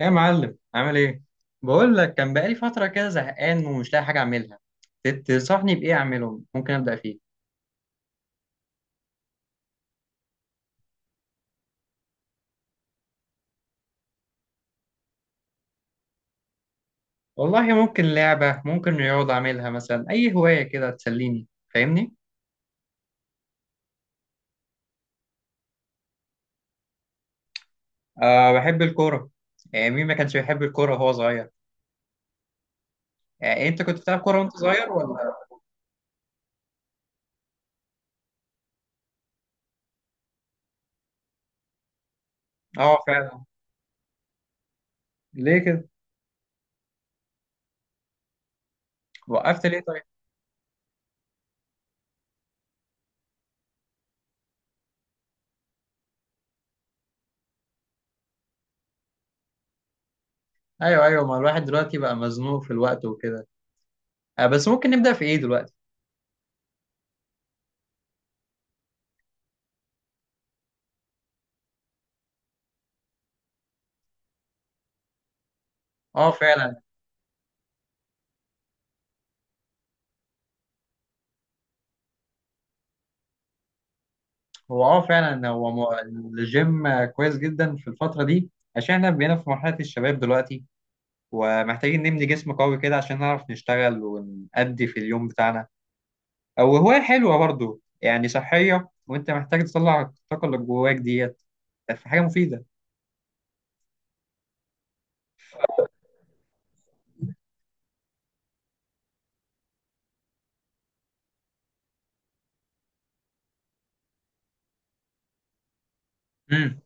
يا معلم عامل ايه؟ بقول لك كان بقالي فتره كده زهقان ومش لاقي حاجه اعملها. تنصحني بايه اعمله ممكن ابدا فيه؟ والله ممكن لعبه ممكن رياضه اعملها مثلا اي هوايه كده تسليني. فاهمني؟ أه بحب الكوره. يعني مين ما كانش بيحب الكوره وهو صغير؟ يعني انت كنت بتلعب كوره وانت صغير ولا؟ اه فعلا. ليه كده؟ وقفت ليه طيب؟ ايوه ايوه، ما الواحد دلوقتي بقى مزنوق في الوقت وكده. أه بس ممكن نبدا في ايه دلوقتي؟ اه فعلا. هو اه فعلا هو الجيم كويس جدا في الفترة دي. عشان احنا بقينا في مرحلة الشباب دلوقتي، ومحتاجين نبني جسم قوي كده عشان نعرف نشتغل ونأدي في اليوم بتاعنا. او هواية حلوة برضو، يعني صحية، وانت محتاج تطلع الطاقة اللي جواك ديت في حاجة مفيدة. امم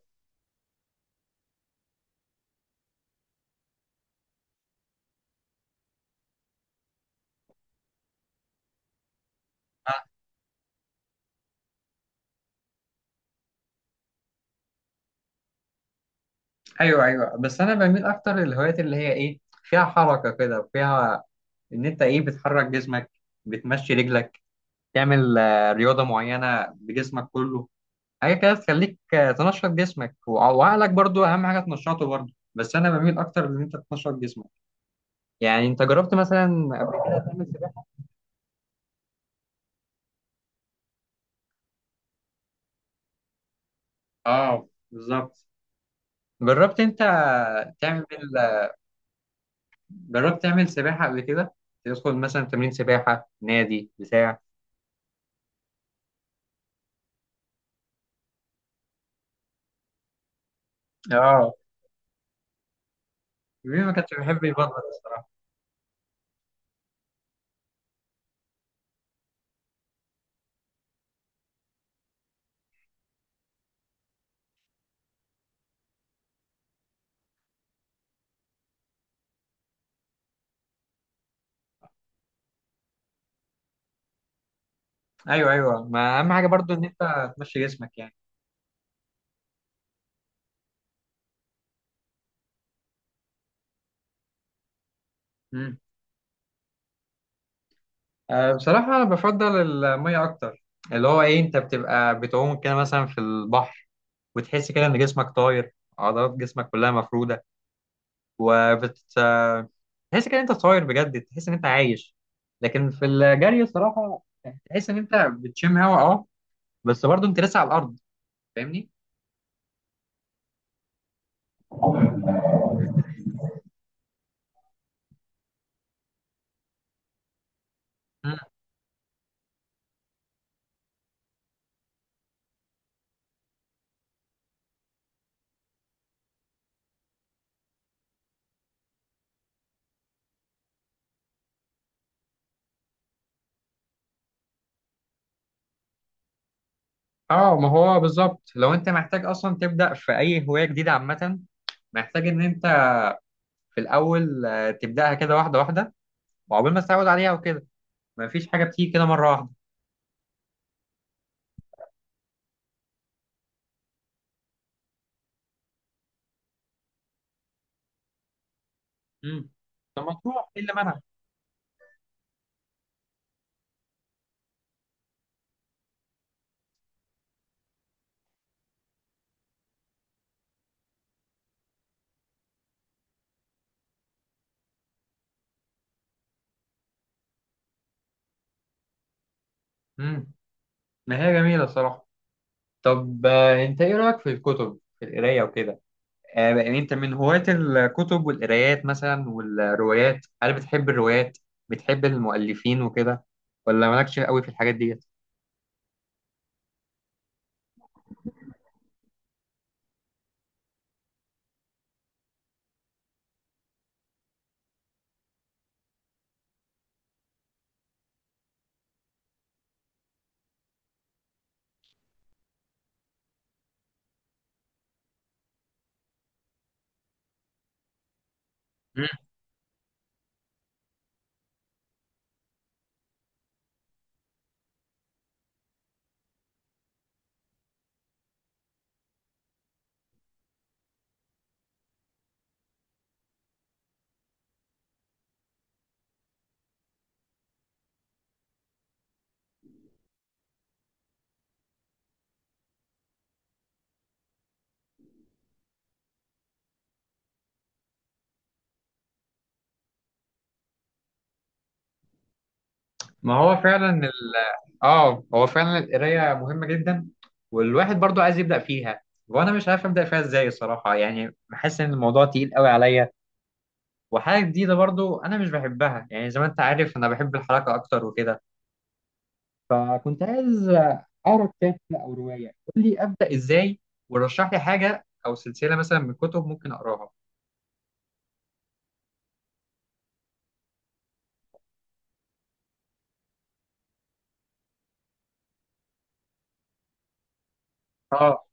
ايوه ايوه، بس انا بميل اكتر للهوايات اللي هي ايه فيها حركه كده، وفيها ان انت ايه بتحرك جسمك، بتمشي رجلك، تعمل رياضه معينه بجسمك كله. حاجه كده تخليك تنشط جسمك وعقلك برضو، اهم حاجه تنشطه برضو، بس انا بميل اكتر ان انت تنشط جسمك. يعني انت جربت مثلا قبل كده تعمل سباحه؟ اه بالظبط. جربت انت تعمل، جربت تعمل سباحه قبل كده؟ تدخل مثلا تمرين سباحه نادي بتاع؟ اه. مين ما كانش بيحب يبطل الصراحه؟ ايوه ايوه، ما اهم حاجه برضو ان انت تمشي جسمك يعني. امم أه بصراحه انا بفضل الميه اكتر. اللي هو ايه انت بتبقى بتعوم كده مثلا في البحر، وتحس كده ان جسمك طاير، عضلات جسمك كلها مفروده، وبت تحس كده إن انت طاير بجد، تحس ان انت عايش. لكن في الجري الصراحه تحس ان انت بتشم هوا، اه، بس برضه انت لسه على الارض. فاهمني؟ مم. اه، ما هو بالظبط لو انت محتاج اصلا تبدا في اي هوايه جديده عامه، محتاج ان انت في الاول تبداها كده واحده واحده، وعقبال ما تتعود عليها وكده. مفيش حاجه بتيجي كده مره واحده. امم. طب ما تروح، ايه اللي منعك؟ امم. ما هي جميله الصراحه. طب انت ايه رأيك في الكتب، في القراية وكده؟ يعني انت من هواة الكتب والقرايات مثلا والروايات؟ هل بتحب الروايات؟ بتحب المؤلفين وكده ولا مالكش قوي في الحاجات ديت؟ مم. ما هو فعلا. اه، هو فعلا القراية مهمة جدا. والواحد برضو عايز يبدأ فيها، وانا مش عارف ابدأ فيها ازاي الصراحة. يعني بحس ان الموضوع تقيل قوي عليا، وحاجة جديدة، برضو انا مش بحبها، يعني زي ما انت عارف انا بحب الحركة اكتر وكده. فكنت عايز اقرا كتاب كده او روايه. قول لي ابدا ازاي، ورشح لي حاجه او سلسله مثلا من كتب ممكن اقراها. اه.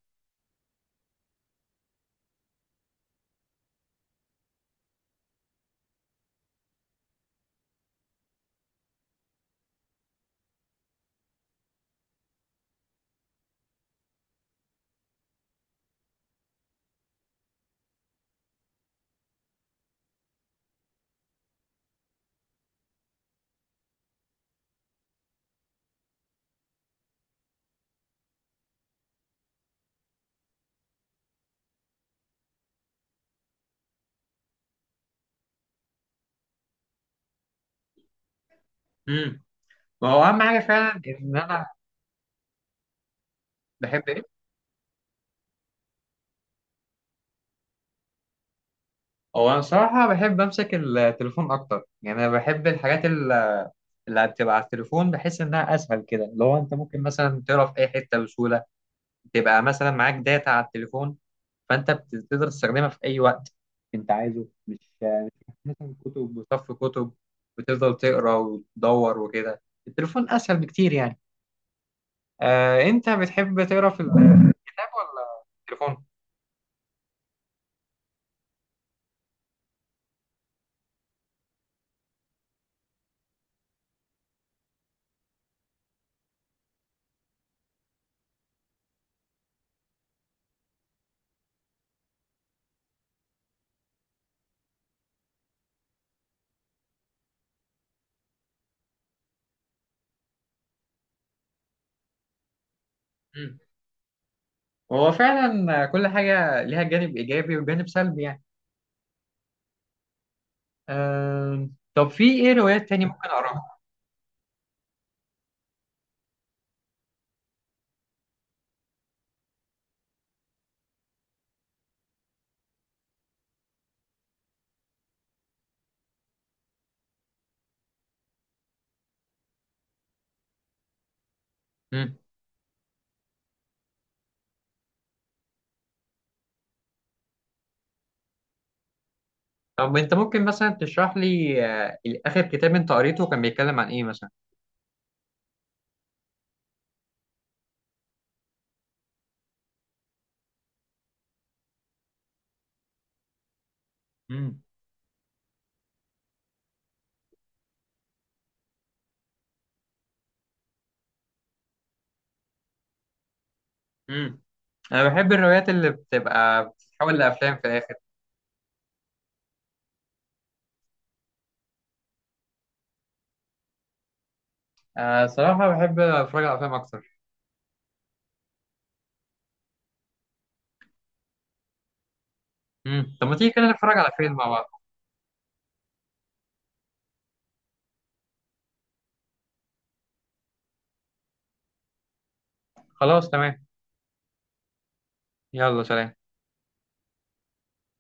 امم. ما هو اهم حاجه فعلا ان انا بحب ايه. هو انا صراحه بحب امسك التليفون اكتر. يعني انا بحب الحاجات اللي هتبقى على التليفون، بحس انها اسهل كده. لو انت ممكن مثلا تقرا في اي حته بسهوله، تبقى مثلا معاك داتا على التليفون، فانت تقدر تستخدمها في اي وقت انت عايزه، مش مثلا كتب، وصف كتب، وتفضل تقرا وتدور وكده. التليفون اسهل بكتير يعني. آه، انت بتحب تقرا في الكتاب ولا التليفون؟ مم. هو فعلا كل حاجه ليها جانب ايجابي وجانب سلبي يعني. آه، طب في ايه روايات تاني ممكن اقراها؟ مم. طب انت ممكن مثلا تشرح لي، آه، اخر كتاب انت قريته كان بيتكلم عن ايه مثلا؟ مم. مم. انا بحب الروايات اللي بتبقى بتتحول لافلام في الاخر. آه صراحه بحب اتفرج على افلام اكتر. مم. طب ما تيجي كده نتفرج على فيلم مع بعض؟ خلاص تمام. يلا سلام.